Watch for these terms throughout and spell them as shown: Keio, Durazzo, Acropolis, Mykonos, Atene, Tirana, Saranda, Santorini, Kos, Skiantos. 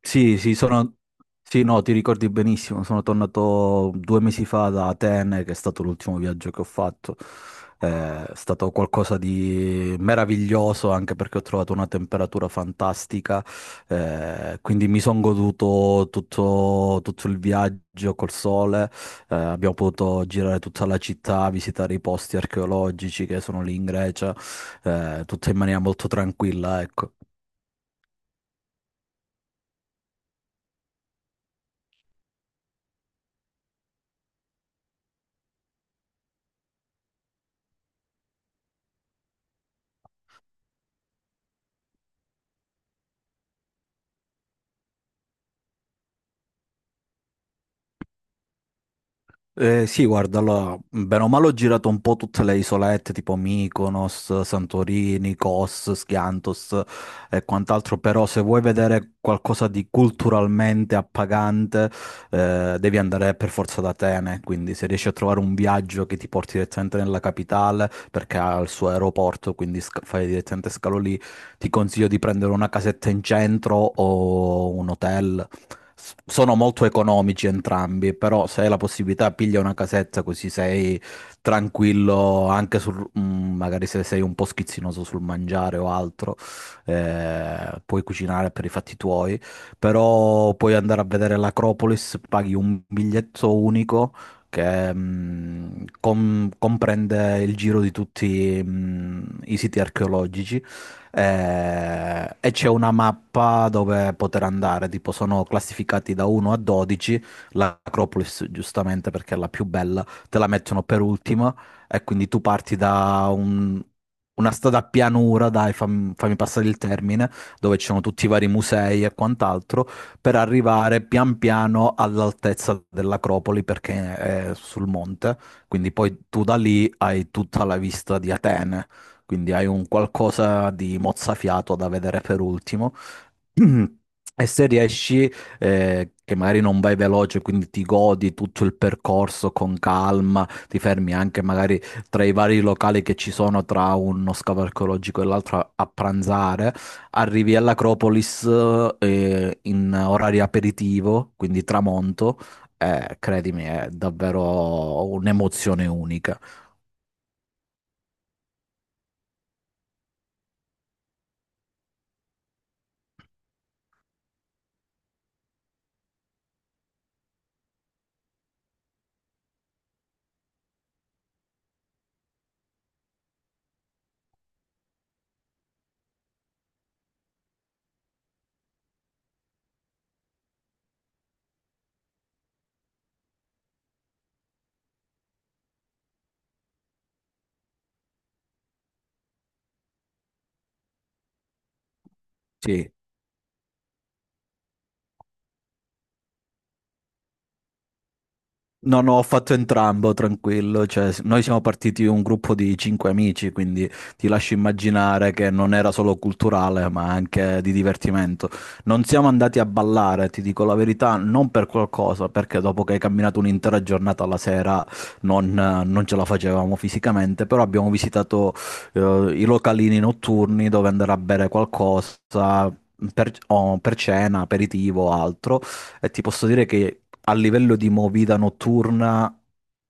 Sì, sì. Sì, no, ti ricordi benissimo, sono tornato 2 mesi fa da Atene, che è stato l'ultimo viaggio che ho fatto. È stato qualcosa di meraviglioso anche perché ho trovato una temperatura fantastica. Quindi mi sono goduto tutto il viaggio col sole. Abbiamo potuto girare tutta la città, visitare i posti archeologici che sono lì in Grecia, tutto in maniera molto tranquilla, ecco. Sì, guarda, allora, bene o male ho girato un po' tutte le isolette tipo Mykonos, Santorini, Kos, Skiantos e quant'altro, però se vuoi vedere qualcosa di culturalmente appagante, devi andare per forza ad Atene, quindi se riesci a trovare un viaggio che ti porti direttamente nella capitale, perché ha il suo aeroporto, quindi fai direttamente scalo lì. Ti consiglio di prendere una casetta in centro o un hotel, sono molto economici entrambi, però se hai la possibilità piglia una casetta così sei tranquillo anche sul, magari se sei un po' schizzinoso sul mangiare o altro. Puoi cucinare per i fatti tuoi, però puoi andare a vedere l'Acropolis. Paghi un biglietto unico che comprende il giro di tutti i siti archeologici, e c'è una mappa dove poter andare, tipo sono classificati da 1 a 12. L'Acropolis, giustamente perché è la più bella, te la mettono per ultima, e quindi tu parti da una strada a pianura, dai, fammi passare il termine, dove ci sono tutti i vari musei e quant'altro, per arrivare pian piano all'altezza dell'Acropoli perché è sul monte, quindi poi tu da lì hai tutta la vista di Atene, quindi hai un qualcosa di mozzafiato da vedere per ultimo. E se riesci, che magari non vai veloce, quindi ti godi tutto il percorso con calma, ti fermi anche magari tra i vari locali che ci sono tra uno scavo archeologico e l'altro a pranzare, arrivi all'Acropolis, in orario aperitivo, quindi tramonto. Credimi, è davvero un'emozione unica. Sì. No, no, ho fatto entrambo, tranquillo. Cioè, noi siamo partiti un gruppo di cinque amici, quindi ti lascio immaginare che non era solo culturale, ma anche di divertimento. Non siamo andati a ballare, ti dico la verità, non per qualcosa, perché dopo che hai camminato un'intera giornata alla sera non ce la facevamo fisicamente, però abbiamo visitato eh, i localini notturni dove andare a bere qualcosa. Per, o per cena, aperitivo o altro, e ti posso dire che a livello di movida notturna,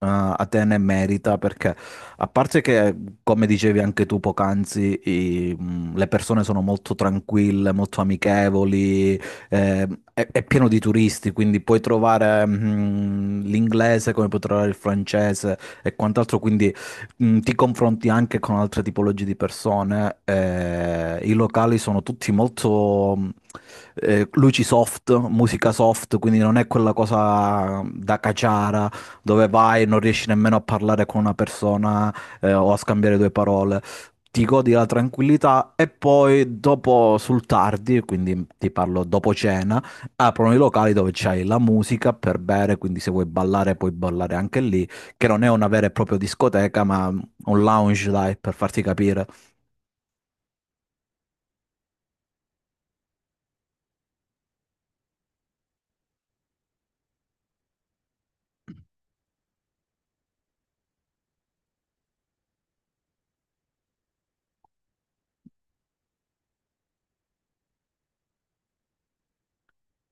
Atene merita, perché, a parte che, come dicevi anche tu poc'anzi, le persone sono molto tranquille, molto amichevoli. eh, è pieno di turisti, quindi puoi trovare, l'inglese come puoi trovare il francese e quant'altro, quindi, ti confronti anche con altre tipologie di persone. I locali sono tutti molto. Luci soft, musica soft, quindi non è quella cosa da caciara dove vai e non riesci nemmeno a parlare con una persona, o a scambiare due parole. Ti godi la tranquillità e poi dopo sul tardi, quindi ti parlo dopo cena, aprono i locali dove c'hai la musica per bere, quindi se vuoi ballare puoi ballare anche lì, che non è una vera e propria discoteca, ma un lounge, dai, per farti capire.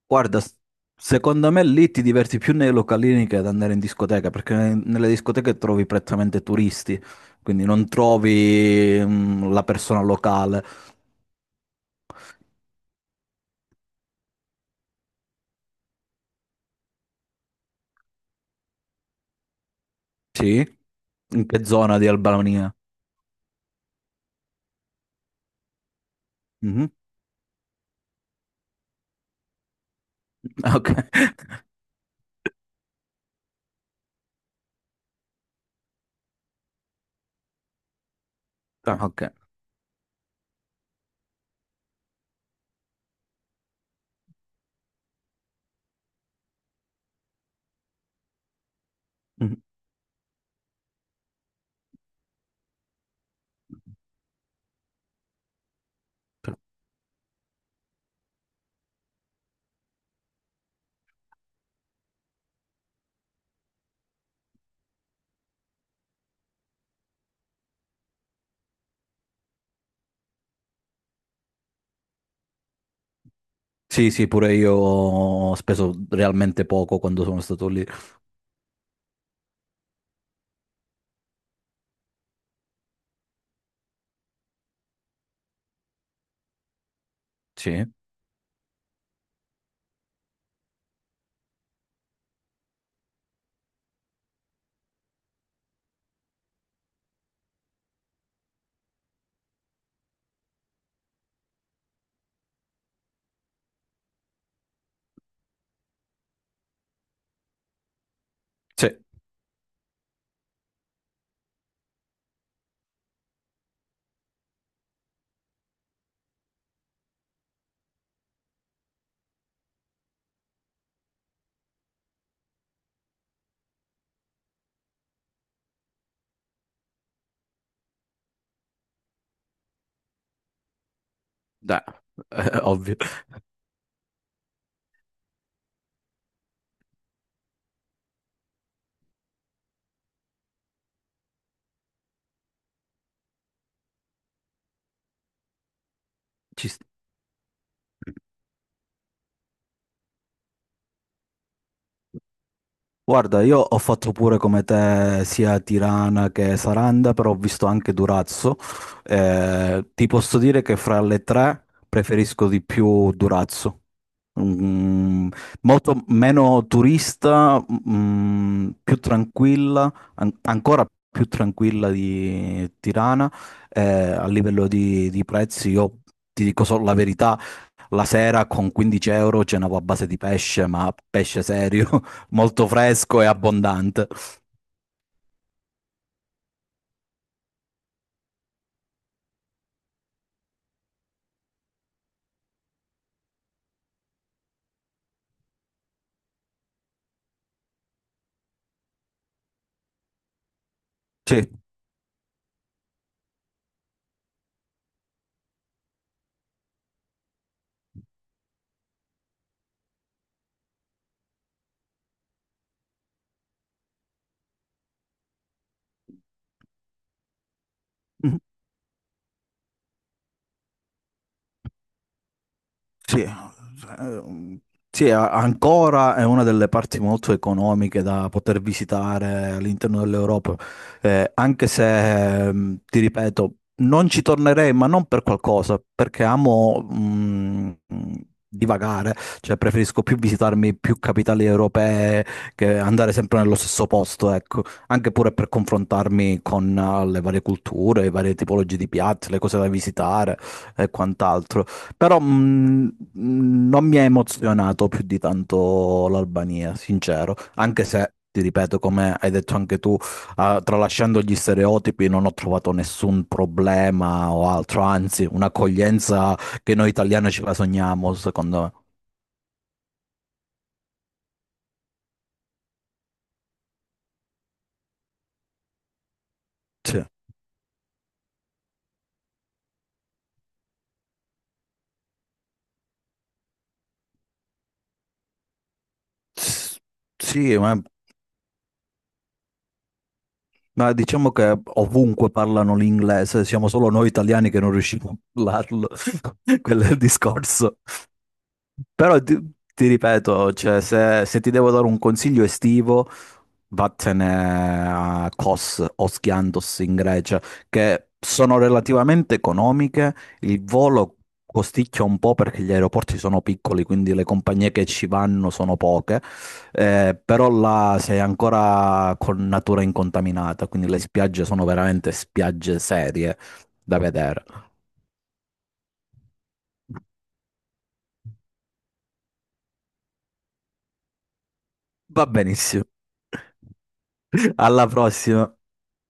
Guarda, secondo me lì ti diverti più nei localini che ad andare in discoteca, perché nelle discoteche trovi prettamente turisti, quindi non trovi la persona locale. Sì? In che zona di Albania? Mhm. Ok. Ah, ok. Mhm. Sì, sì, pure io ho speso realmente poco quando sono stato lì. Sì? Sì, dai, ovvio. Ci sta. Guarda, io ho fatto pure come te sia Tirana che Saranda, però ho visto anche Durazzo. Ti posso dire che fra le tre preferisco di più Durazzo. Mm, molto meno turista, più tranquilla, ancora più tranquilla di Tirana. A livello di, prezzi, io ti dico solo la verità, la sera con 15 euro cenavo a base di pesce, ma pesce serio, molto fresco e abbondante. Sì. Mhm. Sì, sì, ancora è una delle parti molto economiche da poter visitare all'interno dell'Europa. Anche se, ti ripeto, non ci tornerei, ma non per qualcosa, perché amo, divagare, cioè preferisco più visitarmi più capitali europee che andare sempre nello stesso posto, ecco, anche pure per confrontarmi con le varie culture, le varie tipologie di piatti, le cose da visitare e quant'altro. Però non mi ha emozionato più di tanto l'Albania, sincero, anche se, ti ripeto, come hai detto anche tu, ah, tralasciando gli stereotipi, non ho trovato nessun problema o altro, anzi, un'accoglienza che noi italiani ce la sogniamo, secondo me. Sì, S- sì, ma diciamo che ovunque parlano l'inglese, siamo solo noi italiani che non riusciamo a parlarlo, quello è il discorso. Però ti ripeto, cioè, se ti devo dare un consiglio estivo... Vattene a Kos o Skiantos in Grecia, che sono relativamente economiche. Il volo costicchia un po' perché gli aeroporti sono piccoli, quindi le compagnie che ci vanno sono poche. Però là sei ancora con natura incontaminata, quindi le spiagge sono veramente spiagge serie da vedere. Va benissimo. Alla prossima.